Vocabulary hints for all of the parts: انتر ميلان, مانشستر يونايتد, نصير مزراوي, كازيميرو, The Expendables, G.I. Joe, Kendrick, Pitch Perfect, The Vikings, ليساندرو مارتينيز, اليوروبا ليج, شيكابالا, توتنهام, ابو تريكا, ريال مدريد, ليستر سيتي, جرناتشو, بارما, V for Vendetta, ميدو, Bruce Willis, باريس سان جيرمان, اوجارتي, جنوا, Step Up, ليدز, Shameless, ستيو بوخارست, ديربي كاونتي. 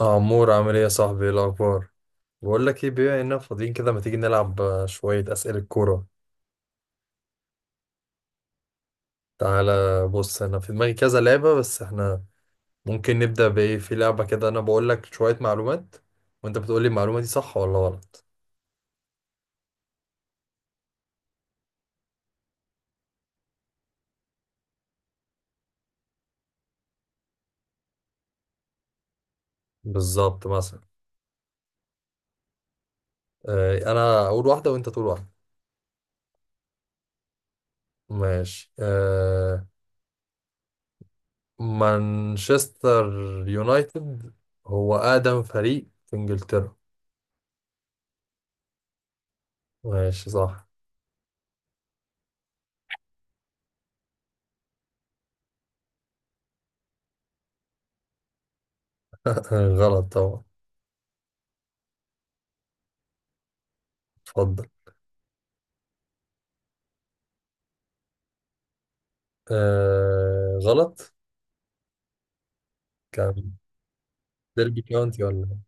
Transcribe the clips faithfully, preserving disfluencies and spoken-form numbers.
عمور، عامل ايه يا صاحبي؟ ايه الاخبار؟ بقول لك ايه، بما اننا فاضيين كده، ما تيجي نلعب آه، شويه اسئله كوره؟ تعالى بص، انا في دماغي كذا لعبه، بس احنا ممكن نبدا بايه في لعبه كده؟ انا بقول لك شويه معلومات وانت بتقول لي المعلومه دي صح ولا غلط. بالظبط مثلا. آه، انا اقول واحده وانت تقول واحده. ماشي. آه، مانشستر يونايتد هو اقدم فريق في انجلترا. ماشي صح. غلط طبعا. اتفضل. آه غلط. كان. ديربي كاونتي ولا؟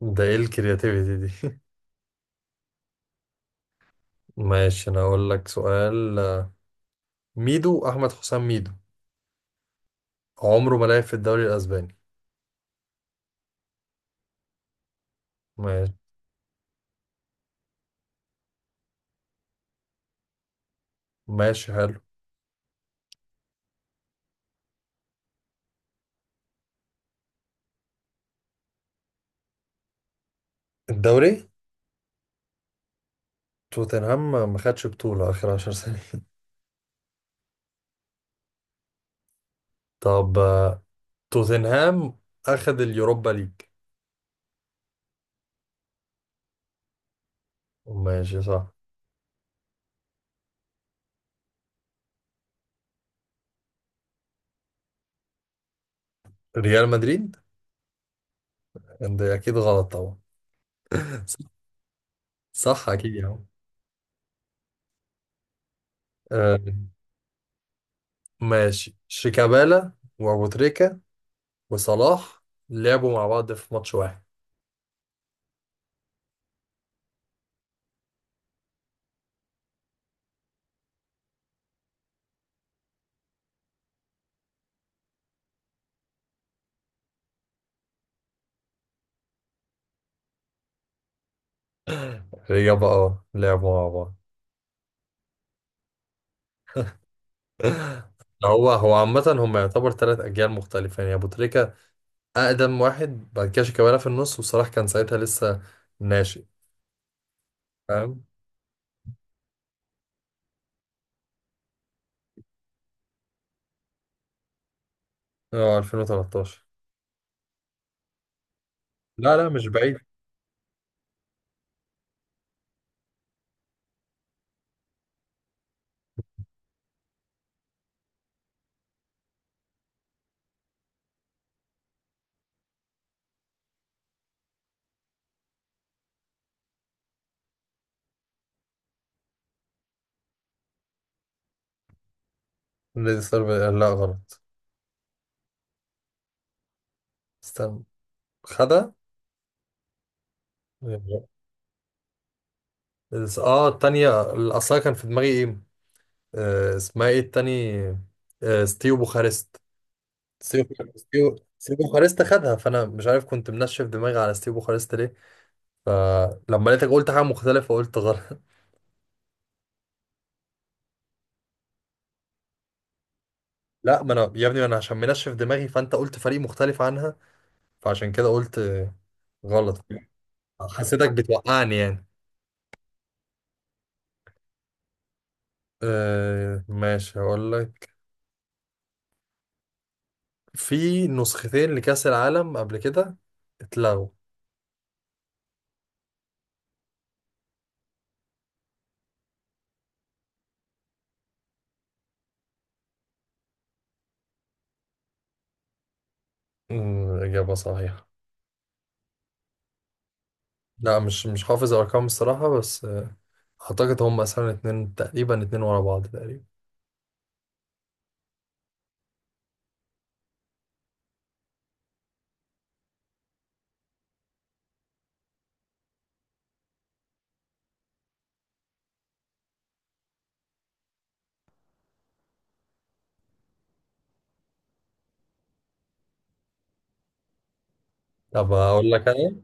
ده ايه الكرياتيفيتي دي؟ ماشي، انا هقول لك سؤال. ميدو، احمد حسام ميدو، عمره ما لعب في الدوري الاسباني. ماشي. ماشي حلو. الدوري. توتنهام ما ما خدش بطولة اخر عشر سنين. طب، آه، توتنهام اخد اليوروبا ليج. ماشي صح. ريال مدريد. ده اكيد غلط طبعا. صح اكيد يا عم. آه. ماشي، شيكابالا وابو تريكا وصلاح لعبوا مع بعض في ماتش واحد. اجابة اه، لعبوا مع بعض. هو هو عامة هم يعتبر ثلاث أجيال مختلفة، يعني أبو تريكة أقدم واحد، بعد كده شيكابالا في النص، وصلاح كان ساعتها لسه ناشئ. فاهم؟ اه، ألفين وتلتاشر. لا لا مش بعيد. النادي الصربي. لا غلط. استنى. خدها. اه، التانية الأصلها كان في دماغي ايه؟ آه، اسمها ايه التاني؟ آه ستيو بوخارست. ستيف. ستيف. ستيف بوخارست خدها، فانا مش عارف كنت منشف دماغي على ستيف بوخارست ليه. فلما لقيتك قلت حاجه مختلفه، قلت غلط. لا، ما انا يا ابني، ما انا عشان منشف دماغي فانت قلت فريق مختلف عنها، فعشان كده قلت غلط. حسيتك بتوقعني يعني. أه ماشي، هقول لك. في نسختين لكأس العالم قبل كده اتلغوا. أمم، إجابة صحيحة. لا، مش مش حافظ الأرقام الصراحة، بس آه، أعتقد هم مثلا اتنين تقريبا، اتنين ورا بعض تقريبا. طب أقول لك أنا.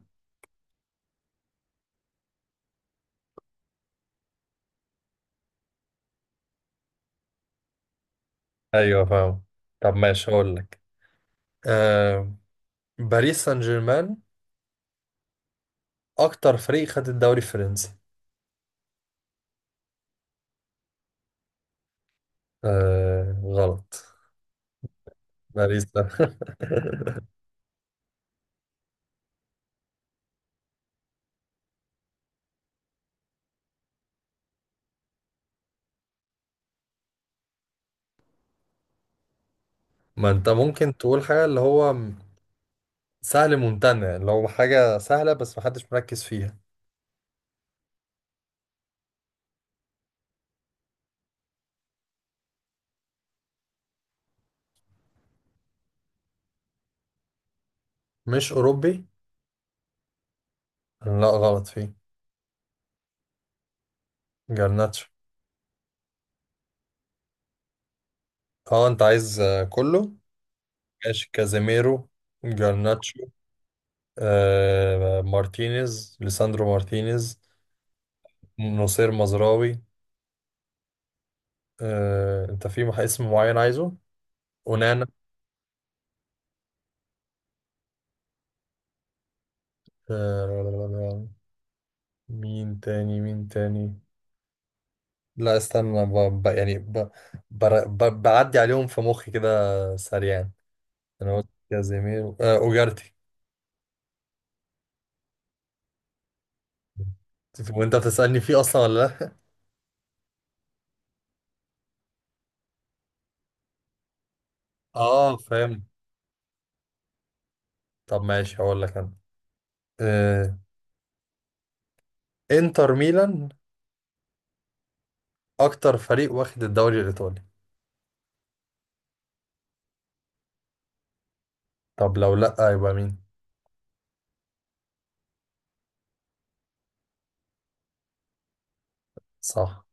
ايوه فاهم. طب ماشي، هقول لك. آه باريس سان جيرمان اكتر فريق خد الدوري الفرنسي. آه غلط. باريس ده. ما انت ممكن تقول حاجه، اللي هو سهل ممتنع، اللي هو حاجه سهله بس محدش مركز فيها. مش اوروبي. لا غلط، فيه. جرناتشو. اه انت عايز آه، كله. ماشي، كازيميرو. جرناتشو. آه مارتينيز، ليساندرو مارتينيز. نصير مزراوي. آه، انت في مح- اسم معين عايزه؟ ونانا. آه، مين تاني، مين تاني؟ لا استنى، ب... ب... يعني ب... بر... ب... بعدي عليهم في مخي كده سريعا. انا قلت كازيميرو، آه اوجارتي. وانت بتسألني فيه اصلا ولا لا؟ اه فاهم. طب ماشي، هقول لك انا. آه، انتر ميلان اكتر فريق واخد الدوري الايطالي. طب لو لا يبقى مين؟ صح.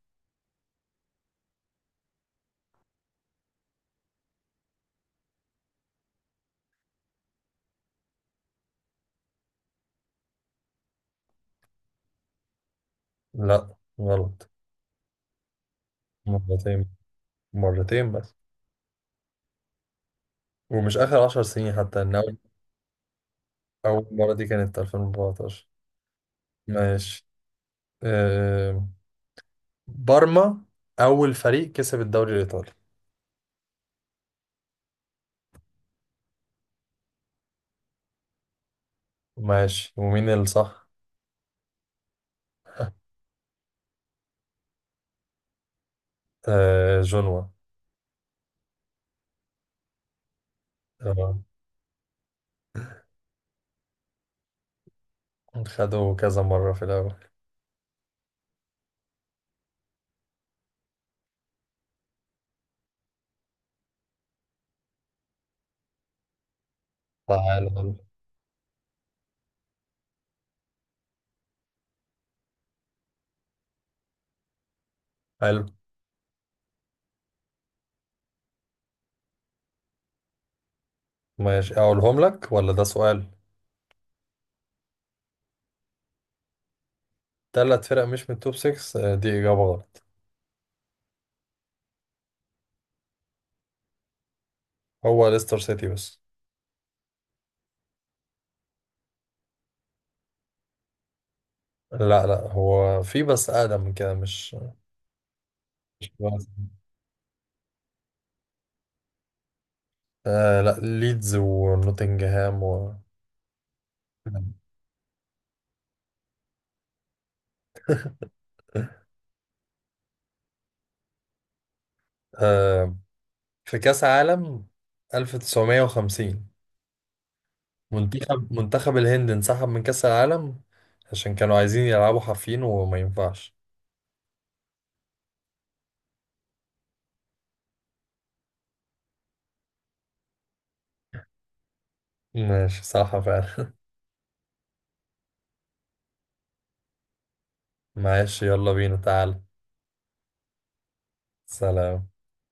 لا غلط. مرتين. مرتين بس. ومش آخر عشر سنين، حتى إن أول... أول مرة دي كانت ألفين واربعتاشر. ماشي. أه بارما أول فريق كسب الدوري الإيطالي. ماشي، ومين الصح؟ أه، جنوا. تمام. خدوا كذا مرة في الأول. تعال. حلو. ماشي، أقولهم لك ولا ده سؤال؟ تلات فرق مش من التوب ستة دي إجابة غلط. هو ليستر سيتي بس. لا لا، هو في بس أقدم من كده، مش مش بس. آه لا، ليدز ونوتنجهام و... آه، في كأس عالم ألف تسعمائة وخمسين منتخب منتخب الهند انسحب من كأس العالم عشان كانوا عايزين يلعبوا حافين وما ينفعش. ماشي صح فعلا. معلش يلا بينا تعال. سلام.